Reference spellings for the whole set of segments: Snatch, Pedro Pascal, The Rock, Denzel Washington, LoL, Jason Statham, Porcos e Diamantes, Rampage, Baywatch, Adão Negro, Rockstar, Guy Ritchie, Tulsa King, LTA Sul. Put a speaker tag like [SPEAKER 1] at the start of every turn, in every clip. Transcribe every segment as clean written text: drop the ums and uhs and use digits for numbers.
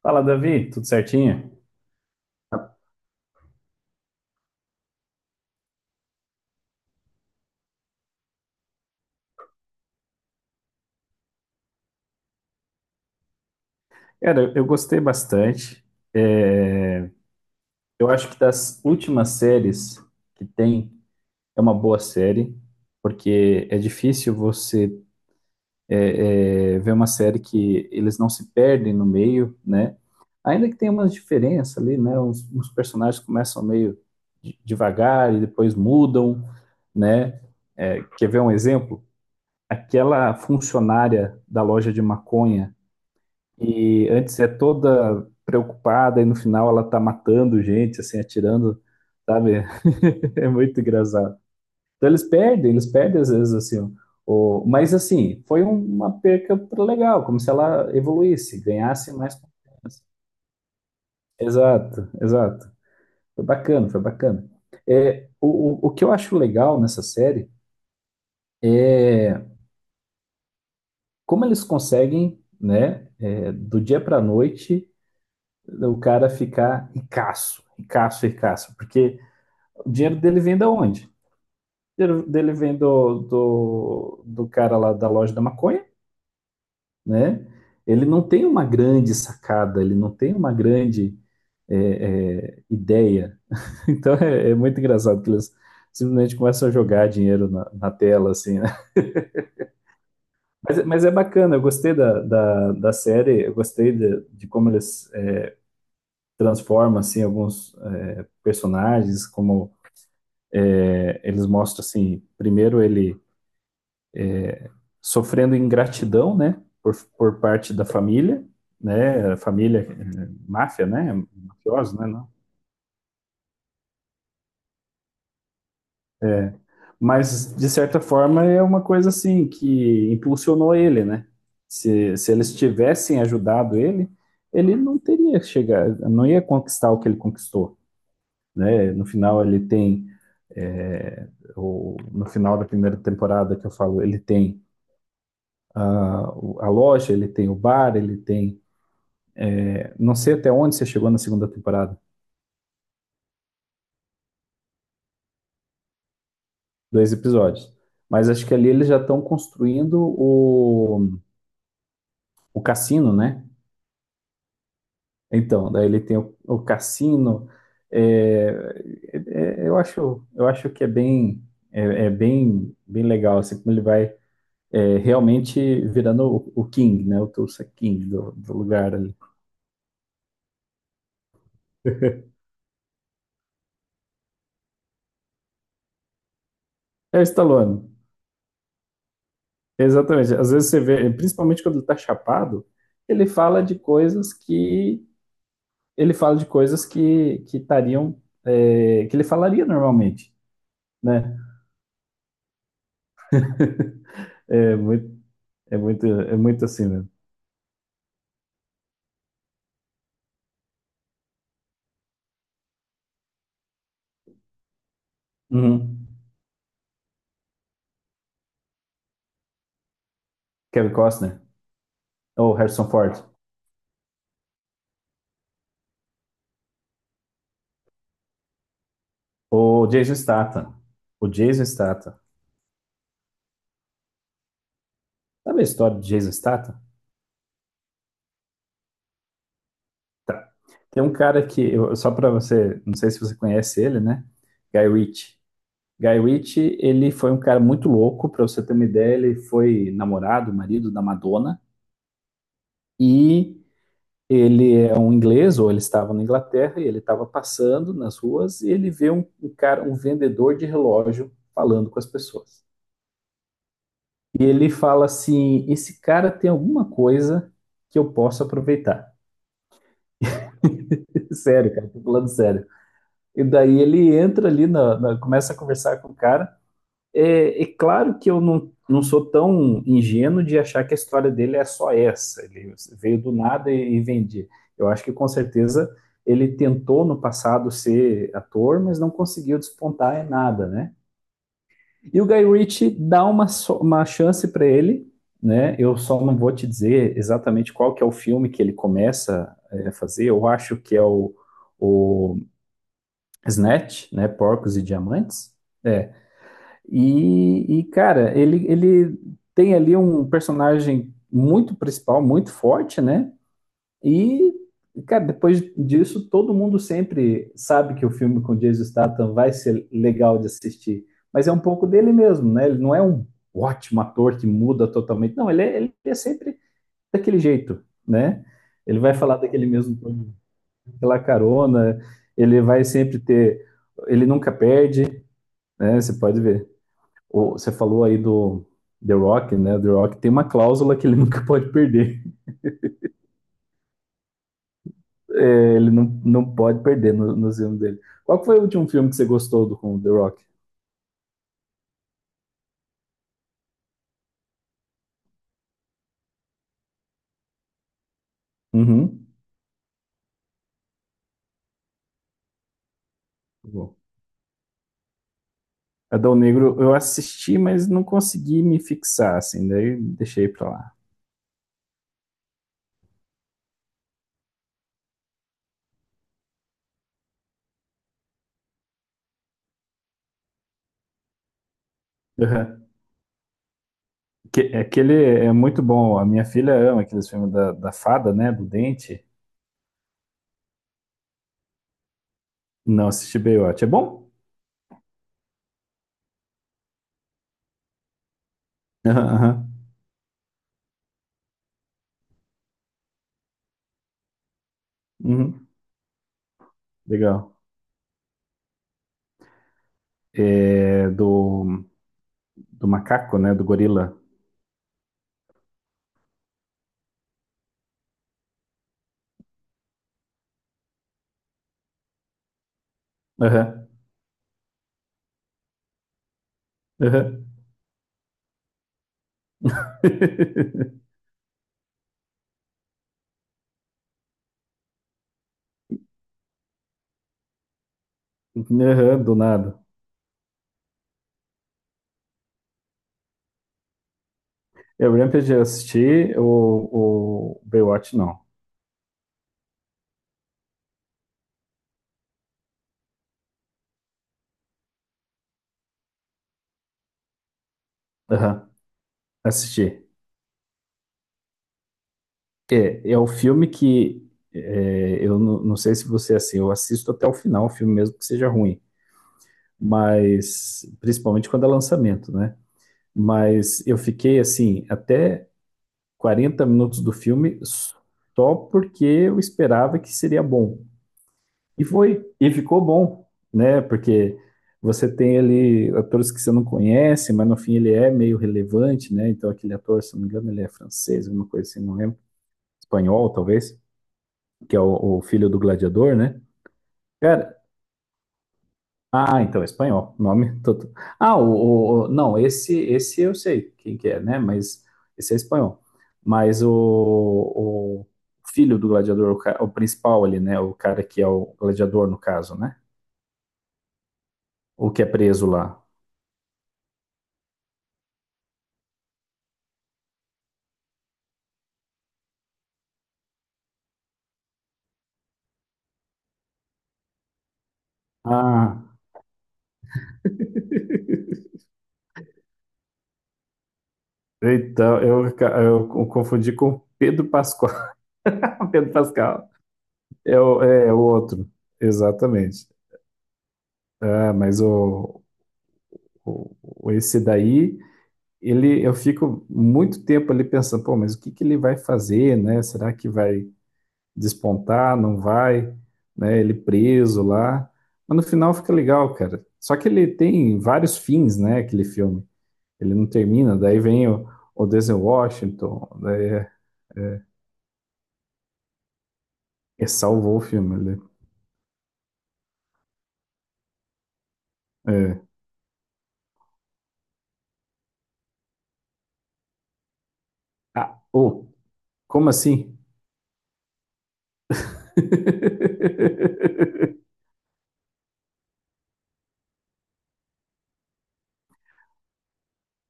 [SPEAKER 1] Fala, Davi, tudo certinho? Cara, eu gostei bastante. É, eu acho que das últimas séries que tem, é uma boa série, porque é difícil você ver uma série que eles não se perdem no meio, né? Ainda que tenha umas diferenças ali, né? Uns personagens começam meio devagar e depois mudam, né? É, quer ver um exemplo? Aquela funcionária da loja de maconha. E antes é toda preocupada e no final ela tá matando gente, assim, atirando, sabe? É muito engraçado. Então eles perdem às vezes, assim. Mas, assim, uma perca legal, como se ela evoluísse, ganhasse mais confiança. Exato, exato. Foi bacana, foi bacana. É, o que eu acho legal nessa série, como eles conseguem, né, do dia para noite, o cara ficar ricaço, ricaço, ricaço, porque... O dinheiro dele vem da onde? O dinheiro dele vem do cara lá da loja da maconha, né? Ele não tem uma grande sacada, ele não tem uma grande é, ideia. Então é muito engraçado que eles simplesmente começam a jogar dinheiro na tela, assim, né? Mas é bacana, eu gostei da série, eu gostei de como eles transformam, assim, alguns personagens, como eles mostram, assim, primeiro ele sofrendo ingratidão, né, por parte da família, né, família máfia, né, mafioso, né, não. Mas de certa forma é uma coisa assim que impulsionou ele, né? Se eles tivessem ajudado ele, ele não teria chegado, não ia conquistar o que ele conquistou, né? No final ele tem eh, no final da primeira temporada que eu falo, ele tem ah, a loja, ele tem o bar, ele tem, não sei até onde você chegou na segunda temporada. Dois episódios. Mas acho que ali eles já estão construindo o cassino, né? Então, daí ele tem o cassino. é, eu acho que é bem, é bem, bem legal, assim, como ele vai realmente virando o King, né? O Tulsa King do lugar ali. É o Stallone, exatamente. Às vezes você vê, principalmente quando ele tá chapado, ele fala de coisas que ele fala de coisas que estariam que ele falaria normalmente, né? É muito, é muito assim, né? Uhum. Kevin Costner, ou Harrison Ford, ou Jason Statham, o Jason Statham. Sabe a história de Jason Statham? Tá. Tem um cara que só para você, não sei se você conhece ele, né? Guy Ritchie. Guy Ritchie, ele foi um cara muito louco, para você ter uma ideia, ele foi namorado, marido da Madonna, e... Ele é um inglês, ou ele estava na Inglaterra, e ele estava passando nas ruas e ele vê um cara, um vendedor de relógio falando com as pessoas. E ele fala assim: esse cara tem alguma coisa que eu posso aproveitar. Sério, cara, tô falando sério. E daí ele entra ali, começa a conversar com o cara. É, é claro que eu não sou tão ingênuo de achar que a história dele é só essa. Ele veio do nada e vendia. Eu acho que com certeza ele tentou no passado ser ator, mas não conseguiu despontar em nada, né? E o Guy Ritchie dá uma, uma chance para ele, né? Eu só não vou te dizer exatamente qual que é o filme que ele começa a fazer. Eu acho que é o Snatch, né? Porcos e Diamantes. É, cara, ele tem ali um personagem muito principal, muito forte, né? E, cara, depois disso, todo mundo sempre sabe que o filme com Jason Statham vai ser legal de assistir. Mas é um pouco dele mesmo, né? Ele não é um ótimo ator que muda totalmente. Não, ele é sempre daquele jeito, né? Ele vai falar daquele mesmo tom, pela carona, ele vai sempre ter... Ele nunca perde, né? Você pode ver você falou aí do The Rock, né? The Rock tem uma cláusula que ele nunca pode perder. É, ele não pode perder no filme dele. Qual foi o último filme que você gostou do, com o The Rock? Uhum. Bom. É, Adão Negro eu assisti, mas não consegui me fixar, assim, daí deixei pra lá. Uhum. Que, aquele é muito bom. A minha filha ama aqueles filmes da fada, né? Do dente. Não assisti Baywatch. É bom? Aham, aham. Uhum. Legal. É do, do macaco, né? Do gorila. Aham, aham. Aham, do nada. Eu, Rampage eu assisti, o Baywatch não. Aham, assisti. É, é o filme que eu não sei se você é assim, eu assisto até o final, o filme mesmo que seja ruim, mas principalmente quando é lançamento, né? Mas eu fiquei assim, até 40 minutos do filme só porque eu esperava que seria bom. E foi, e ficou bom, né? Porque você tem ali atores que você não conhece, mas no fim ele é meio relevante, né? Então aquele ator, se não me engano, ele é francês, alguma coisa assim, não lembro. Espanhol, talvez, que é o filho do gladiador, né? Cara, ah, então é espanhol, nome todo. Ah, não, esse eu sei quem que é, né? Mas esse é espanhol. Mas o filho do gladiador, o principal ali, né? O cara que é o gladiador no caso, né? O que é preso lá. Ah, então, eu confundi com Pedro Pascoal. Pedro Pascal é é é o outro, exatamente. Ah, mas esse daí, ele, eu fico muito tempo ali pensando, pô, mas o que que ele vai fazer, né? Será que vai despontar? Não vai? Né? Ele preso lá. Mas no final fica legal, cara. Só que ele tem vários fins, né? Aquele filme. Ele não termina, daí vem o Denzel Washington, daí é, ele salvou o filme. Ele... É. Ah, oh, como assim?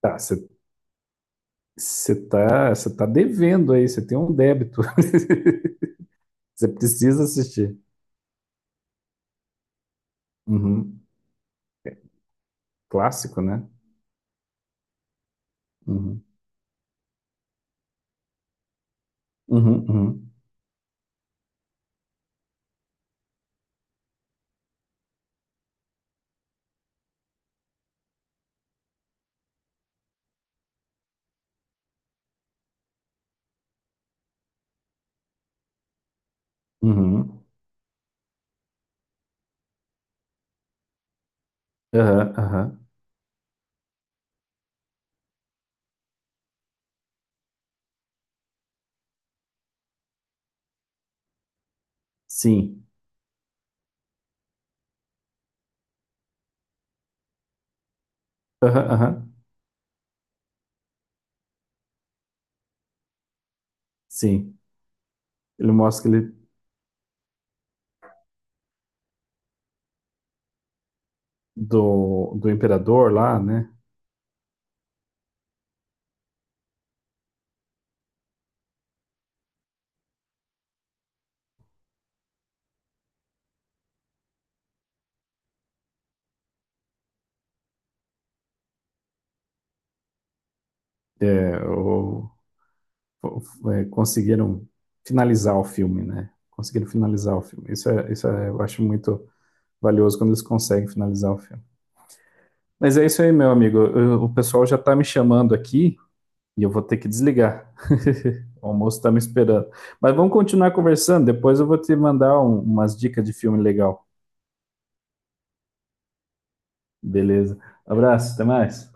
[SPEAKER 1] Tá, você tá, cê tá devendo aí, você tem um débito. Você precisa assistir. Uhum. Clássico, né? Uhum. Uhum, uhum, uhum. Aham, aham. Sim. Aham, aham. Sim. Ele mostra que ele do, do imperador lá, né? É, o, fo- é, conseguiram finalizar o filme, né? Conseguiram finalizar o filme. Isso é, eu acho muito valioso quando eles conseguem finalizar o filme. Mas é isso aí, meu amigo. O pessoal já está me chamando aqui e eu vou ter que desligar. O almoço está me esperando. Mas vamos continuar conversando. Depois eu vou te mandar umas dicas de filme legal. Beleza. Abraço, até mais.